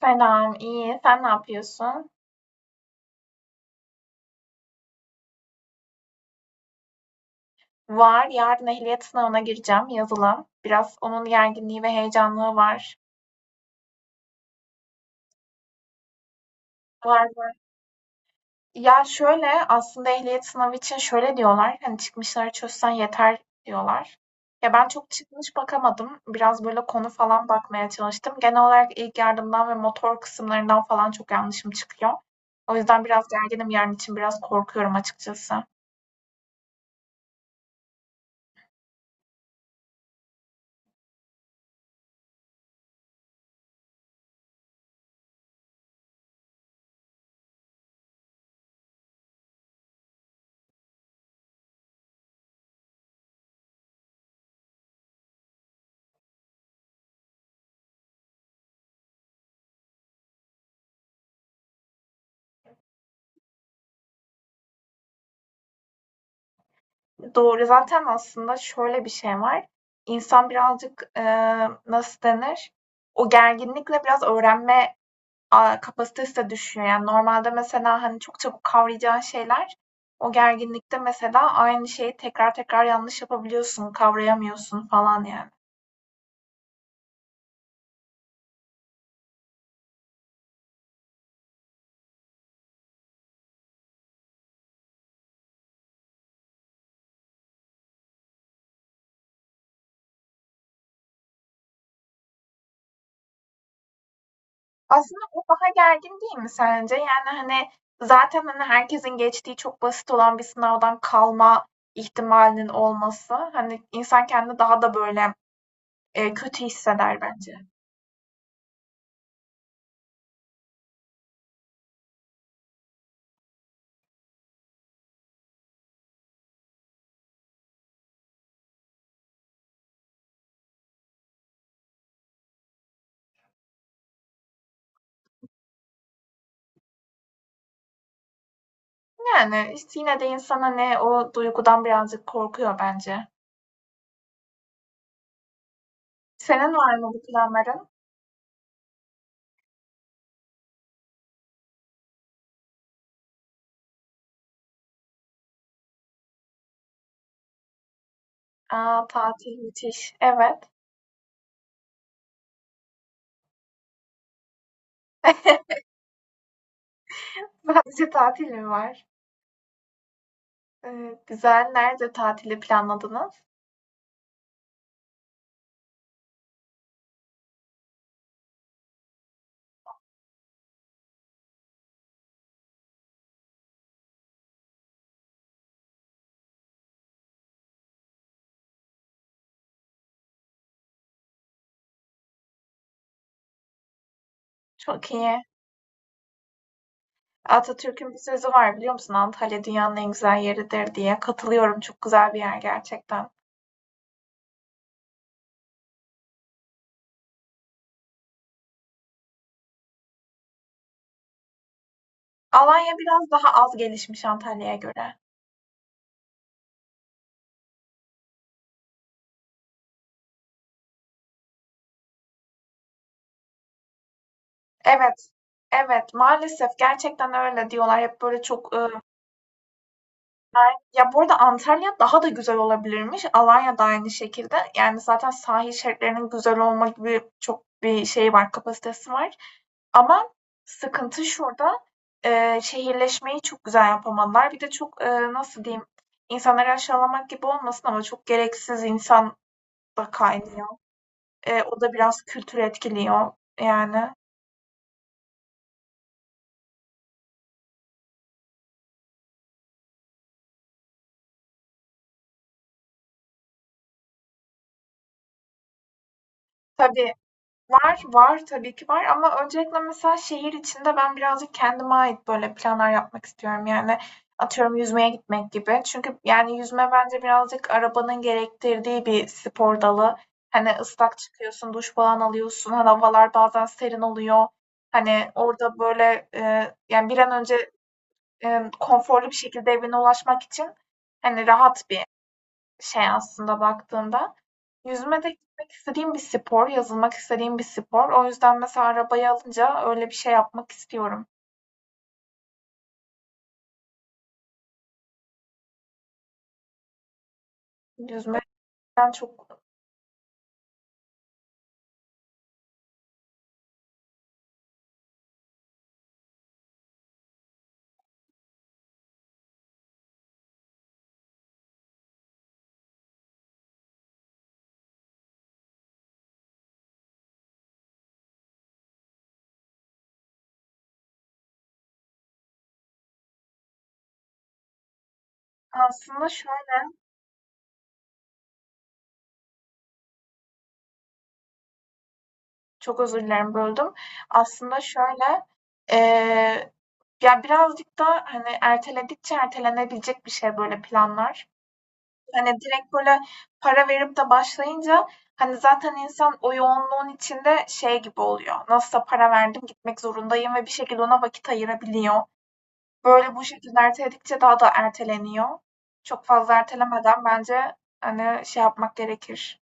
Selam, iyi. Sen ne yapıyorsun? Var, yarın ehliyet sınavına gireceğim, yazılı. Biraz onun gerginliği ve heyecanlığı var. Var, var. Ya şöyle, aslında ehliyet sınavı için şöyle diyorlar, hani çıkmışları çözsen yeter diyorlar. Ya ben çok çıkmış bakamadım. Biraz böyle konu falan bakmaya çalıştım. Genel olarak ilk yardımdan ve motor kısımlarından falan çok yanlışım çıkıyor. O yüzden biraz gerginim yarın için, biraz korkuyorum açıkçası. Doğru. Zaten aslında şöyle bir şey var. İnsan birazcık, nasıl denir? O gerginlikle biraz öğrenme, kapasitesi de düşüyor. Yani normalde mesela, hani, çok çabuk kavrayacağın şeyler, o gerginlikte mesela aynı şeyi tekrar tekrar yanlış yapabiliyorsun, kavrayamıyorsun falan yani. Aslında bu daha gergin değil mi sence? Yani, hani, zaten, hani, herkesin geçtiği çok basit olan bir sınavdan kalma ihtimalinin olması, hani, insan kendini daha da böyle, kötü hisseder bence. Yani, işte, yine de insana ne o duygudan birazcık korkuyor bence. Senin var mı bu planların? A, tatil müthiş. Evet. Sadece tatil mi var? Güzel. Nerede tatili planladınız? Çok iyi. Atatürk'ün bir sözü var biliyor musun? Antalya dünyanın en güzel yeridir diye. Katılıyorum. Çok güzel bir yer gerçekten. Alanya biraz daha az gelişmiş Antalya'ya göre. Evet. Evet, maalesef gerçekten öyle diyorlar. Hep böyle çok, ya bu arada Antalya daha da güzel olabilirmiş. Alanya da aynı şekilde. Yani zaten sahil şeritlerinin güzel olma gibi çok bir şey var, kapasitesi var. Ama sıkıntı şurada. Şehirleşmeyi çok güzel yapamadılar. Bir de çok nasıl diyeyim, insanları aşağılamak gibi olmasın ama çok gereksiz insan da kaynıyor. E, o da biraz kültür etkiliyor yani. Tabii var, var, tabii ki var ama öncelikle mesela şehir içinde ben birazcık kendime ait böyle planlar yapmak istiyorum. Yani atıyorum yüzmeye gitmek gibi. Çünkü yani yüzme bence birazcık arabanın gerektirdiği bir spor dalı. Hani ıslak çıkıyorsun, duş falan alıyorsun. Hani havalar bazen serin oluyor. Hani orada böyle yani bir an önce konforlu bir şekilde evine ulaşmak için hani rahat bir şey aslında baktığında. Yüzme de gitmek istediğim bir spor, yazılmak istediğim bir spor. O yüzden mesela arabayı alınca öyle bir şey yapmak istiyorum. Yüzmeden çok aslında şöyle çok özür dilerim böldüm. Aslında şöyle eee, ya birazcık da hani erteledikçe ertelenebilecek bir şey böyle planlar. Hani direkt böyle para verip de başlayınca hani zaten insan o yoğunluğun içinde şey gibi oluyor. Nasılsa para verdim gitmek zorundayım ve bir şekilde ona vakit ayırabiliyor. Böyle bu şekilde erteledikçe daha da erteleniyor. Çok fazla ertelemeden bence, hani, şey yapmak gerekir.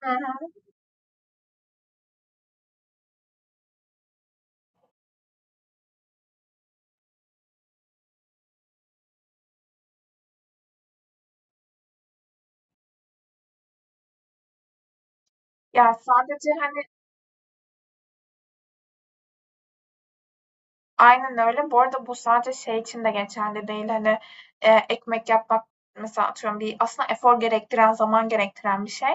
Hı hı. Ya, sadece, hani aynen öyle. Bu arada bu sadece şey için de geçerli değil, hani, ekmek yapmak mesela atıyorum bir aslında efor gerektiren, zaman gerektiren bir şey.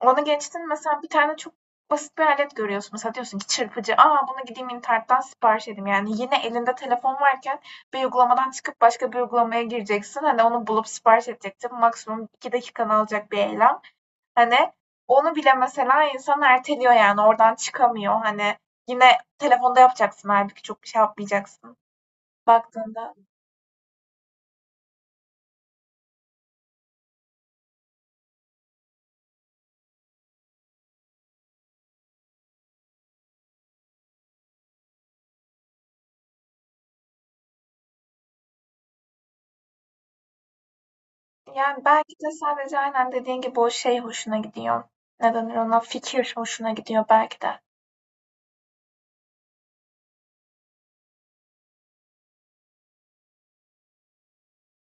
Onu geçtin mesela bir tane çok basit bir alet görüyorsun. Mesela diyorsun ki çırpıcı. Aa bunu gideyim internetten sipariş edeyim. Yani yine elinde telefon varken bir uygulamadan çıkıp başka bir uygulamaya gireceksin. Hani onu bulup sipariş edeceksin. Maksimum 2 dakikanı alacak bir eylem. Hani onu bile mesela insan erteliyor yani oradan çıkamıyor. Hani yine telefonda yapacaksın halbuki çok bir şey yapmayacaksın baktığında. Yani belki de sadece aynen dediğin gibi o şey hoşuna gidiyor. Ne denir ona? Fikir hoşuna gidiyor belki de.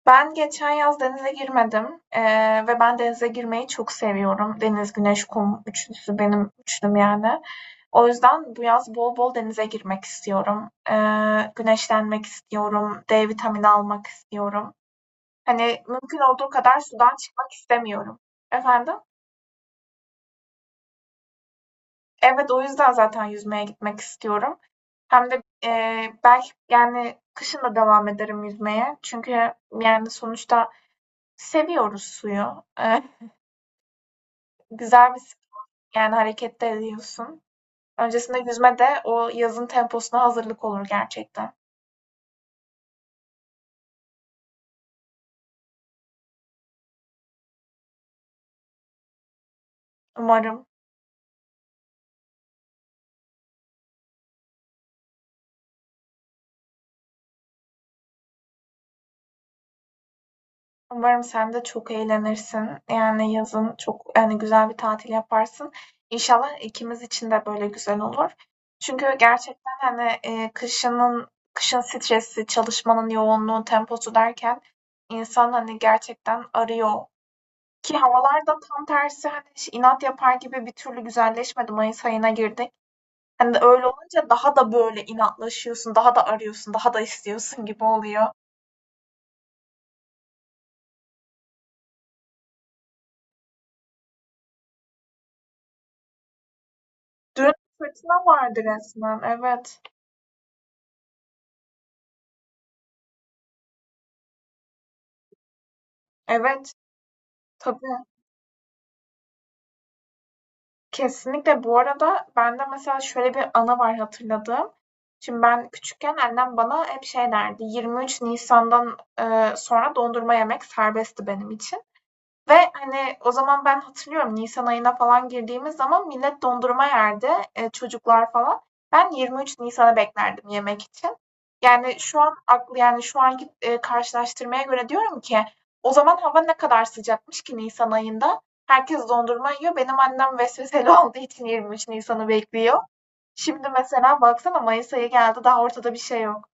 Ben geçen yaz denize girmedim, ve ben denize girmeyi çok seviyorum. Deniz, güneş, kum üçlüsü benim üçlüm yani. O yüzden bu yaz bol bol denize girmek istiyorum. Güneşlenmek istiyorum, D vitamini almak istiyorum. Hani mümkün olduğu kadar sudan çıkmak istemiyorum. Efendim? Evet, o yüzden zaten yüzmeye gitmek istiyorum. Hem de belki yani kışın da devam ederim yüzmeye. Çünkü yani sonuçta seviyoruz suyu. güzel bir yani harekette de ediyorsun. Öncesinde yüzme de o yazın temposuna hazırlık olur gerçekten. Umarım. Umarım sen de çok eğlenirsin. Yani yazın çok yani güzel bir tatil yaparsın. İnşallah ikimiz için de böyle güzel olur. Çünkü gerçekten hani kışının kışın stresi, çalışmanın yoğunluğu, temposu derken insan hani gerçekten arıyor. Ki havalar da tam tersi hani inat yapar gibi bir türlü güzelleşmedi. Mayıs ayına girdik. Hani de öyle olunca daha da böyle inatlaşıyorsun, daha da arıyorsun, daha da istiyorsun gibi oluyor. Dün fırtına vardı resmen. Evet. Evet. Tabii. Kesinlikle bu arada bende mesela şöyle bir anı var hatırladığım. Şimdi ben küçükken annem bana hep şey derdi. 23 Nisan'dan sonra dondurma yemek serbestti benim için. Ve, hani, o zaman ben hatırlıyorum nisan ayına falan girdiğimiz zaman millet dondurma yerdi, çocuklar falan. Ben 23 Nisan'ı beklerdim yemek için. Yani, şu an aklı yani, şu anki, karşılaştırmaya göre diyorum ki o zaman hava ne kadar sıcakmış ki nisan ayında. Herkes dondurma yiyor. Benim annem vesveseli olduğu için 23 Nisan'ı bekliyor. Şimdi mesela baksana mayıs ayı geldi, daha ortada bir şey yok.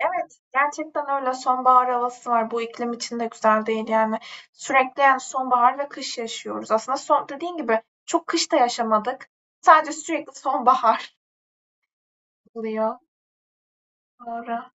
Evet, gerçekten öyle. Sonbahar havası var. Bu iklim için de güzel değil yani. Sürekli yani sonbahar ve kış yaşıyoruz. Aslında son, dediğin gibi çok kış da yaşamadık. Sadece sürekli sonbahar oluyor. Doğru.